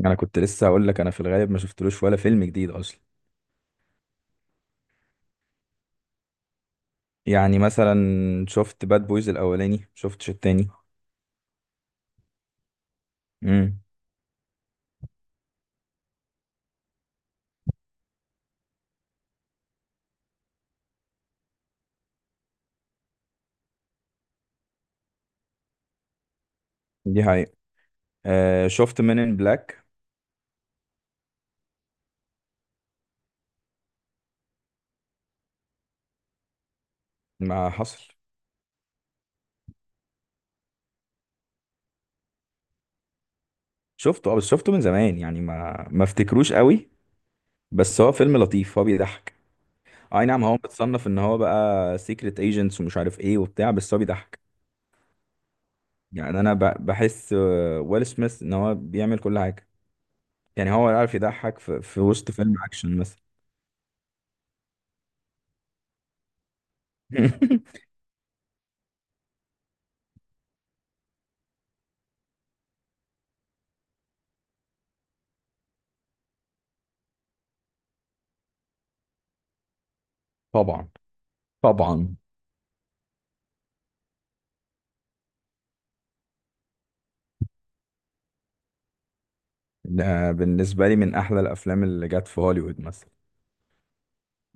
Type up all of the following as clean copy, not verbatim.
انا كنت لسه هقول لك انا في الغالب ما شفتلوش ولا فيلم جديد اصلا. يعني مثلا. شفت باد بويز الاولاني شفتش التاني. امم. دي حقيقة. آه، شفت مين ان بلاك؟ ما حصل. شفته، اه، بس شفته من زمان يعني ما افتكروش قوي. بس هو فيلم لطيف هو بيضحك. اي نعم، هو متصنف ان هو بقى سيكريت ايجنتس ومش عارف ايه وبتاع، بس هو بيضحك. يعني انا بحس، ويل سميث ان هو بيعمل كل حاجة. يعني هو عارف يضحك في وسط فيلم اكشن مثلا. طبعا. طبعا. ده بالنسبة لي من أحلى الأفلام اللي جت في هوليوود مثلا.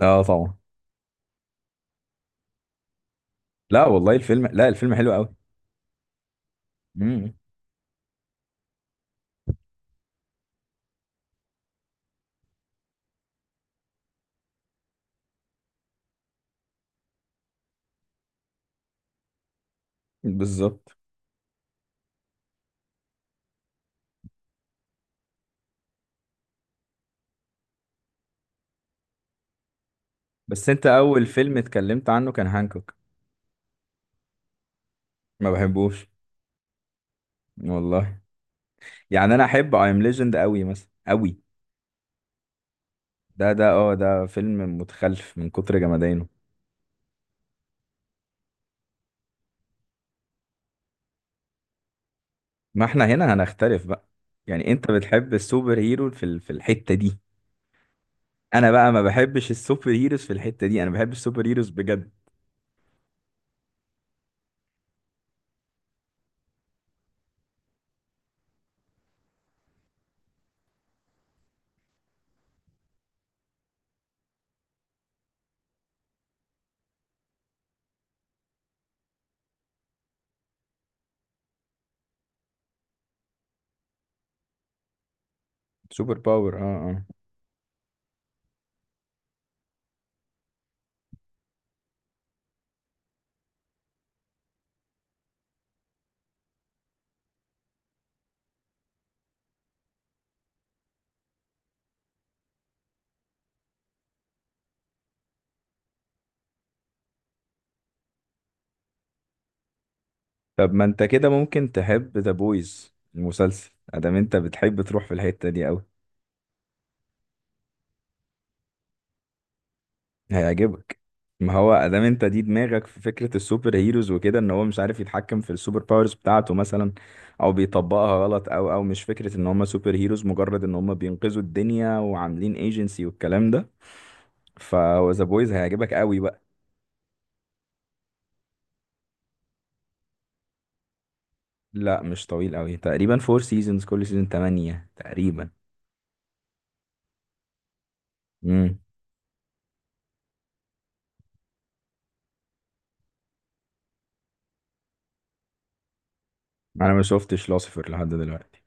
لا طبعا. لا والله الفيلم، لا الفيلم حلو أوي. امم. بالظبط. بس أنت أول فيلم اتكلمت عنه كان هانكوك. ما بحبوش. والله. يعني أنا أحب أي أم ليجند أوي، مثلا أوي. ده فيلم متخلف من كتر جمدانه. ما إحنا هنا هنختلف بقى. يعني أنت بتحب السوبر هيرو في الحتة دي. أنا بقى ما بحبش السوبر هيروز في الحتة دي، أنا بحب السوبر هيروز بجد. سوبر باور أه. آه. طب ما انت كده ممكن تحب ذا بويز المسلسل، ادام انت بتحب تروح في الحتة دي قوي. هيعجبك. ما هو ادام انت دي دماغك في فكرة السوبر هيروز وكده، ان هو مش عارف يتحكم في السوبر باورز بتاعته مثلا، او بيطبقها غلط، او مش فكرة ان هم سوبر هيروز مجرد ان هم بينقذوا الدنيا وعاملين ايجنسي والكلام ده. فهو ذا بويز هيعجبك قوي بقى. لا مش طويل قوي، تقريبا فور سيزونز كل سيزون 8 تقريبا. امم. انا ما شفتش لوسيفر لحد دلوقتي.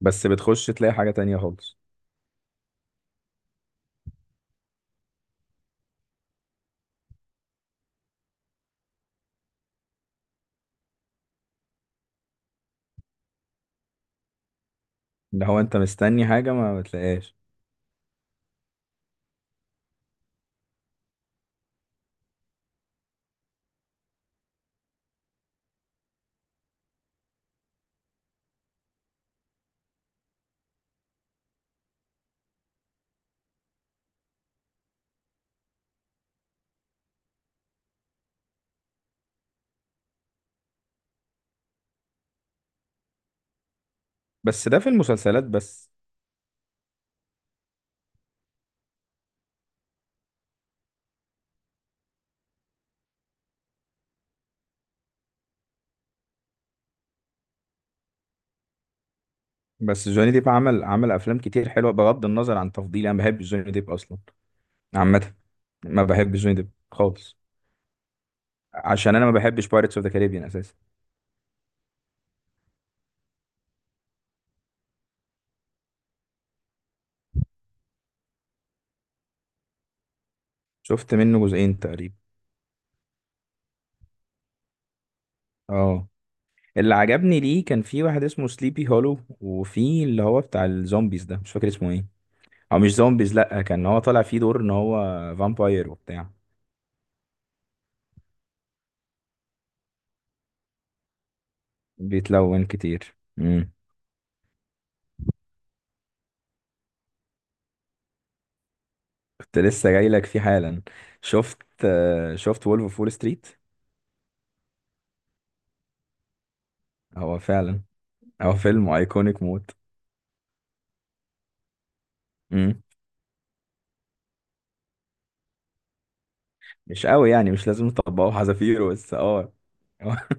بس بتخش تلاقي حاجة تانية خالص. اللي هو انت مستني حاجة ما بتلاقيهاش. بس ده في المسلسلات بس. بس جوني ديب عمل افلام كتير حلوة، بغض النظر عن تفضيلي، انا ما بحبش جوني ديب اصلا. عامة. ما بحبش جوني ديب خالص. عشان انا ما بحبش بايرتس اوف ذا كاريبيان اساسا. شفت منه جزئين تقريبا. اه. اللي عجبني ليه كان في واحد اسمه سليبي هولو، وفي اللي هو بتاع الزومبيز ده مش فاكر اسمه ايه. او مش زومبيز، لا كان هو طالع فيه دور ان هو فامباير وبتاع. بيتلون كتير. كنت لسه جاي لك فيه حالا. شفت. شفت وولف اوف وول ستريت. هو فعلا. هو فيلم ايكونيك موت. مم. مش قوي يعني، مش لازم نطبقه حذافيره، بس اه.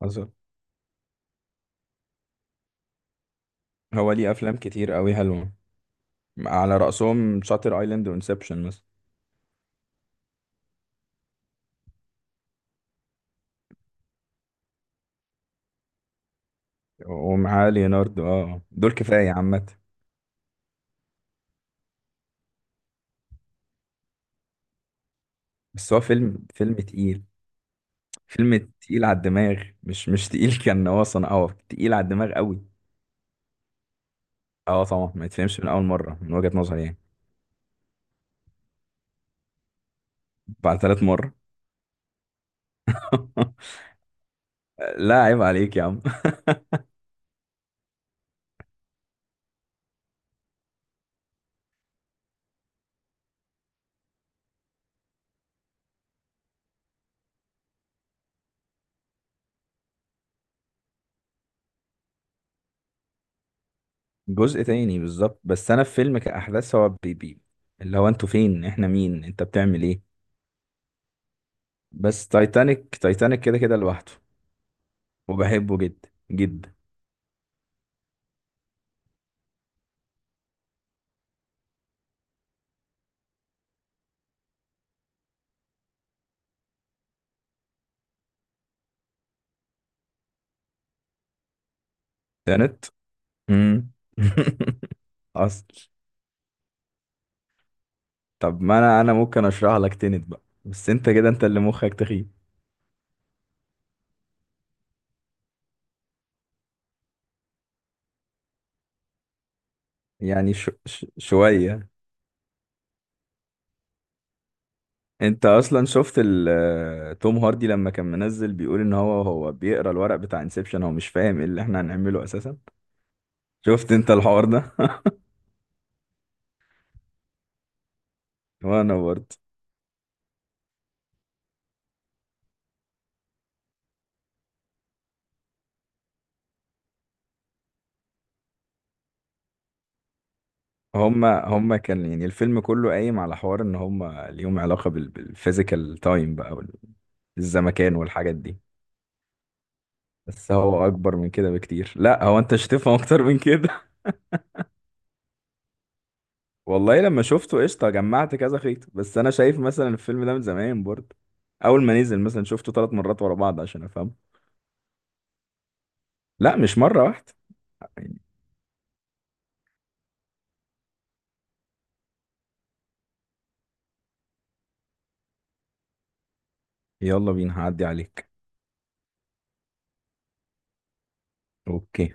حصل. هو ليه افلام كتير قوي حلوه. على رأسهم شاتر ايلاند وانسبشن مثلا. ومعاه ليوناردو، دول كفايه عامه. بس هو فيلم تقيل. فيلم تقيل على الدماغ، مش تقيل. كان هو صنع، تقيل على الدماغ قوي. اه طبعا، ما يتفهمش من اول مره من وجهه نظري يعني. بعد 3 مره. لا عيب عليك يا عم. جزء تاني بالظبط، بس انا في فيلم كأحداث هو بيبي. اللي هو انتوا فين، احنا مين، انت بتعمل ايه. بس تايتانيك، تايتانيك كده كده لوحده. وبحبه جدا جدا. تنت. امم. اصل. طب ما انا ممكن اشرح لك تنت بقى، بس انت كده انت اللي مخك تخين. يعني شو شوية. انت اصلا شفت توم هاردي لما كان منزل بيقول ان هو بيقرا الورق بتاع انسبشن، هو مش فاهم ايه اللي احنا هنعمله اساسا. شفت انت الحوار ده. وانا برضه. هما كان، يعني الفيلم كله قايم على حوار ان هما ليهم علاقة بالفيزيكال تايم بقى، الزمكان والحاجات دي. بس هو اكبر من كده بكتير، لا هو انت مش هتفهم اكتر من كده. والله لما شفته قشطة جمعت كذا خيط، بس انا شايف مثلا الفيلم ده من زمان برضه. اول ما نزل مثلا شفته 3 مرات ورا بعض عشان افهمه. لا مش مرة واحدة يعني. يلا بينا، هعدي عليك. اوكي.